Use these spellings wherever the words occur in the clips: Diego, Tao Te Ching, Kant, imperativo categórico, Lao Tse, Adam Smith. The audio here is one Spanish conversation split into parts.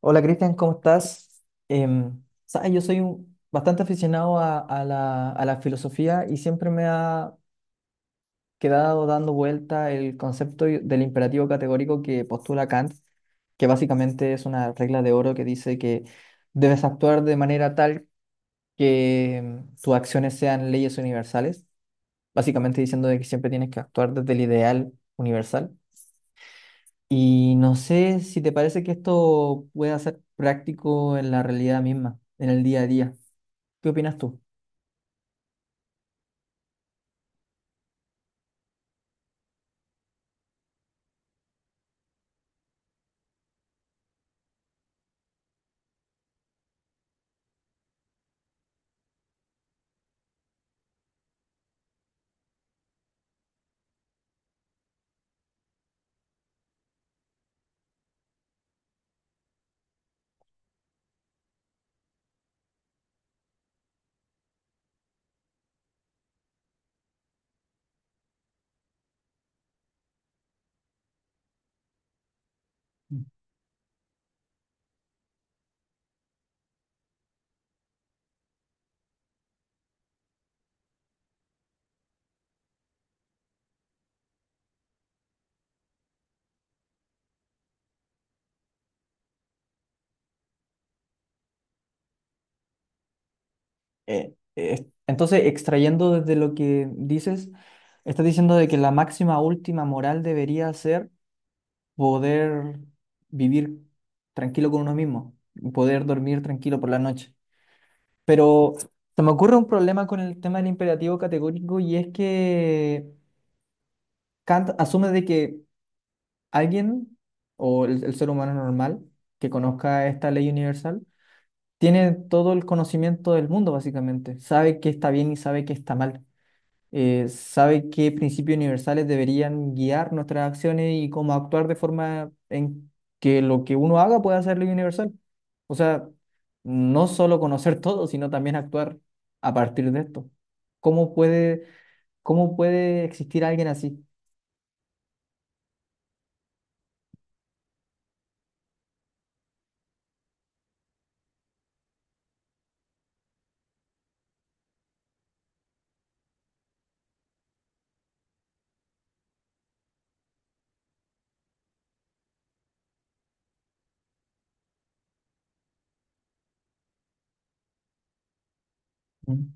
Hola, Cristian, ¿cómo estás? Sabes, bastante aficionado a la filosofía y siempre me ha quedado dando vuelta el concepto del imperativo categórico que postula Kant, que básicamente es una regla de oro que dice que debes actuar de manera tal que tus acciones sean leyes universales, básicamente diciendo de que siempre tienes que actuar desde el ideal universal. Y no sé si te parece que esto pueda ser práctico en la realidad misma, en el día a día. ¿Qué opinas tú? Entonces, extrayendo desde lo que dices, estás diciendo de que la máxima última moral debería ser poder vivir tranquilo con uno mismo, y poder dormir tranquilo por la noche. Pero se me ocurre un problema con el tema del imperativo categórico y es que Kant asume de que alguien o el ser humano normal que conozca esta ley universal tiene todo el conocimiento del mundo, básicamente. Sabe qué está bien y sabe qué está mal. Sabe qué principios universales deberían guiar nuestras acciones y cómo actuar de forma en que lo que uno haga pueda ser ley universal. O sea, no solo conocer todo, sino también actuar a partir de esto. ¿Cómo puede, ¿cómo puede existir alguien así? Mm.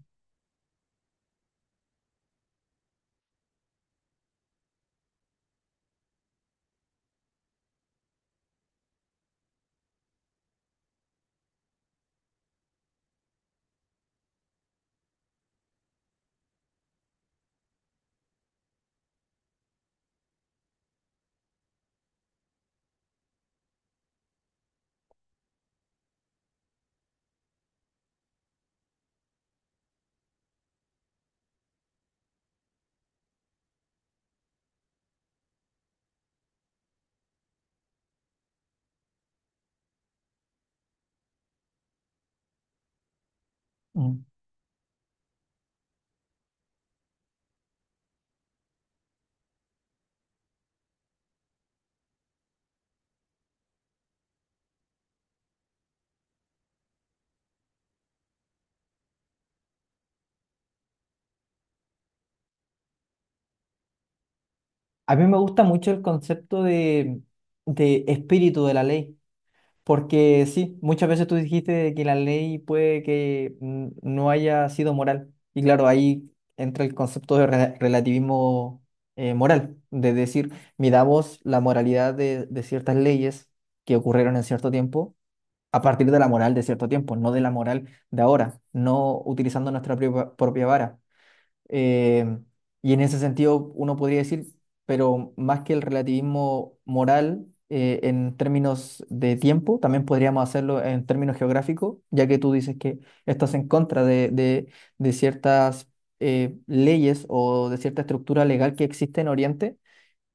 Mm. A mí me gusta mucho el concepto de espíritu de la ley, porque sí, muchas veces tú dijiste de que la ley puede que no haya sido moral, y claro, ahí entra el concepto de relativismo moral, de decir, miramos la moralidad de ciertas leyes que ocurrieron en cierto tiempo a partir de la moral de cierto tiempo, no de la moral de ahora, no utilizando nuestra propia vara. Eh, y en ese sentido, uno podría decir, pero más que el relativismo moral en términos de tiempo, también podríamos hacerlo en términos geográficos, ya que tú dices que estás en contra de ciertas leyes o de cierta estructura legal que existe en Oriente.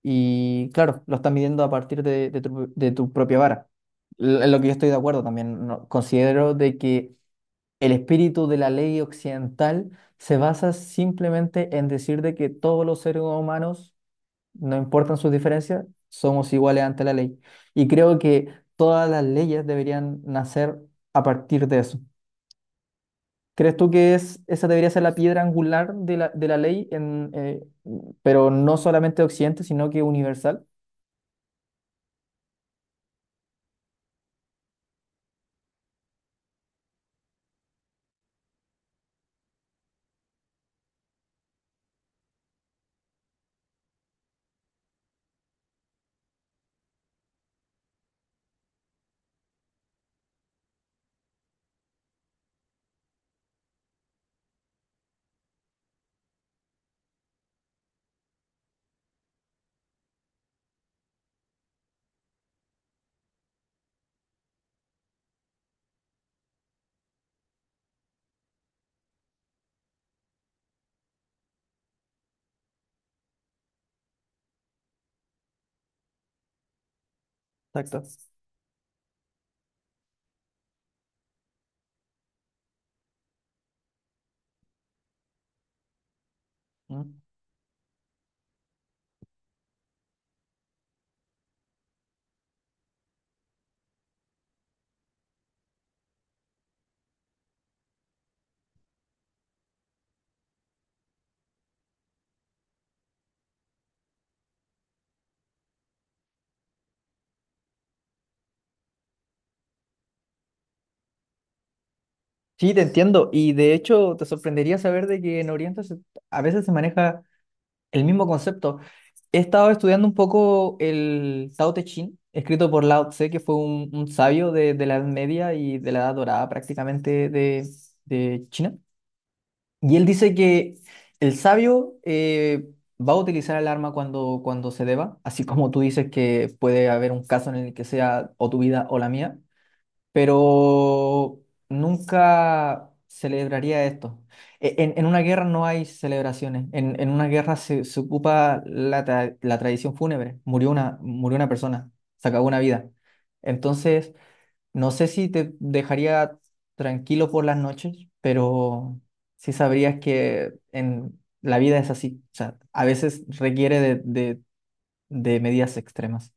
Y claro, lo estás midiendo a partir de, de tu propia vara. En lo que yo estoy de acuerdo también, considero de que el espíritu de la ley occidental se basa simplemente en decir de que todos los seres humanos, no importan sus diferencias, somos iguales ante la ley. Y creo que todas las leyes deberían nacer a partir de eso. ¿Crees tú que es, esa debería ser la piedra angular de la ley, pero no solamente de Occidente, sino que universal? Exacto. Mm. Sí, te entiendo. Y de hecho, te sorprendería saber de que en Oriente a veces se maneja el mismo concepto. He estado estudiando un poco el Tao Te Ching, escrito por Lao Tse, que fue un sabio de la Edad Media y de la Edad Dorada prácticamente de China. Y él dice que el sabio va a utilizar el arma cuando se deba, así como tú dices que puede haber un caso en el que sea o tu vida o la mía, pero nunca celebraría esto. En una guerra no hay celebraciones, en una guerra se ocupa la, la tradición fúnebre, murió una persona, se acabó una vida. Entonces, no sé si te dejaría tranquilo por las noches, pero sí sabrías que en, la vida es así, o sea, a veces requiere de, de medidas extremas.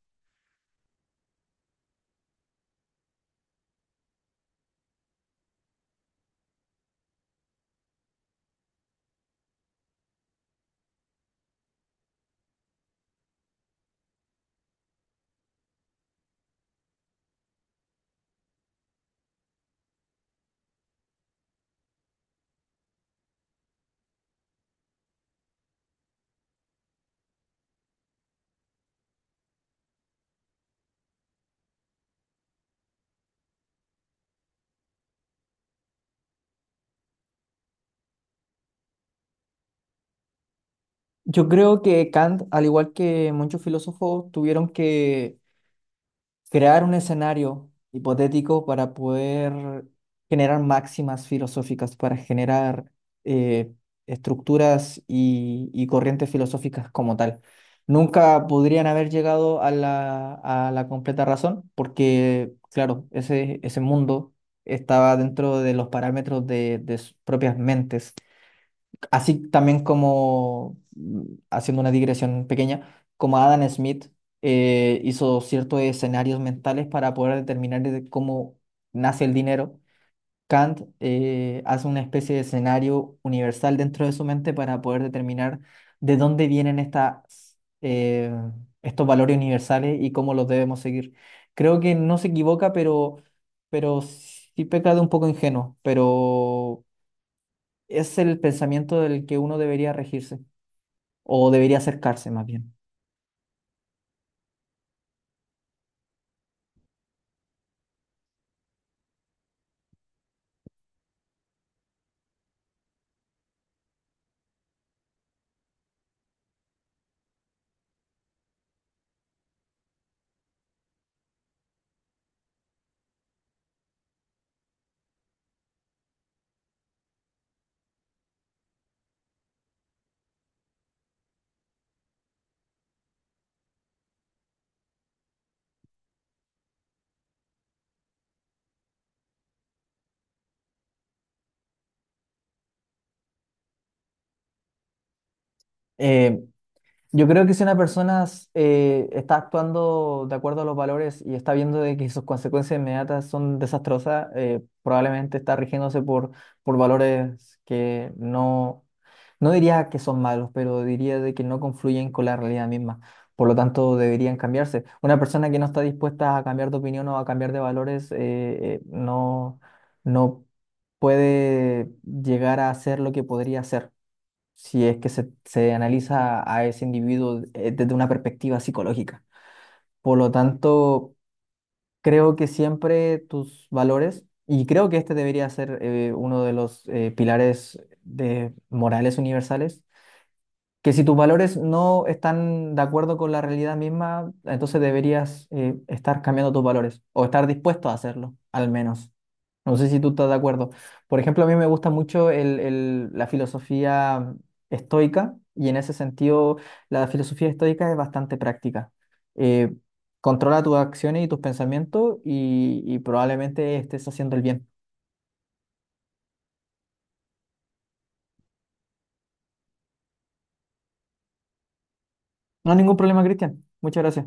Yo creo que Kant, al igual que muchos filósofos, tuvieron que crear un escenario hipotético para poder generar máximas filosóficas, para generar eh, estructuras y corrientes filosóficas como tal. Nunca podrían haber llegado a la completa razón porque, claro, ese mundo estaba dentro de los parámetros de sus propias mentes. Así también como, mm, haciendo una digresión pequeña, como Adam Smith hizo ciertos escenarios mentales para poder determinar de cómo nace el dinero, Kant hace una especie de escenario universal dentro de su mente para poder determinar de dónde vienen estas, estos valores universales y cómo los debemos seguir. Creo que no se equivoca, pero sí peca de un poco ingenuo, pero es el pensamiento del que uno debería regirse o debería acercarse más bien. Eh, Yo creo que si una persona está actuando de acuerdo a los valores y está viendo de que sus consecuencias inmediatas son desastrosas, probablemente está rigiéndose por valores que no, no diría que son malos, pero diría de que no confluyen con la realidad misma. Por lo tanto, deberían cambiarse. Una persona que no está dispuesta a cambiar de opinión o a cambiar de valores, eh, no, no puede llegar a hacer lo que podría hacer si es que se analiza a ese individuo desde una perspectiva psicológica. Por lo tanto, creo que siempre tus valores, y creo que este debería ser uno de los pilares de morales universales, que si tus valores no están de acuerdo con la realidad misma, entonces deberías estar cambiando tus valores o estar dispuesto a hacerlo, al menos. No sé si tú estás de acuerdo. Por ejemplo, a mí me gusta mucho la filosofía estoica y en ese sentido la filosofía estoica es bastante práctica. Eh, Controla tus acciones y tus pensamientos y probablemente estés haciendo el bien. No hay ningún problema, Cristian. Muchas gracias.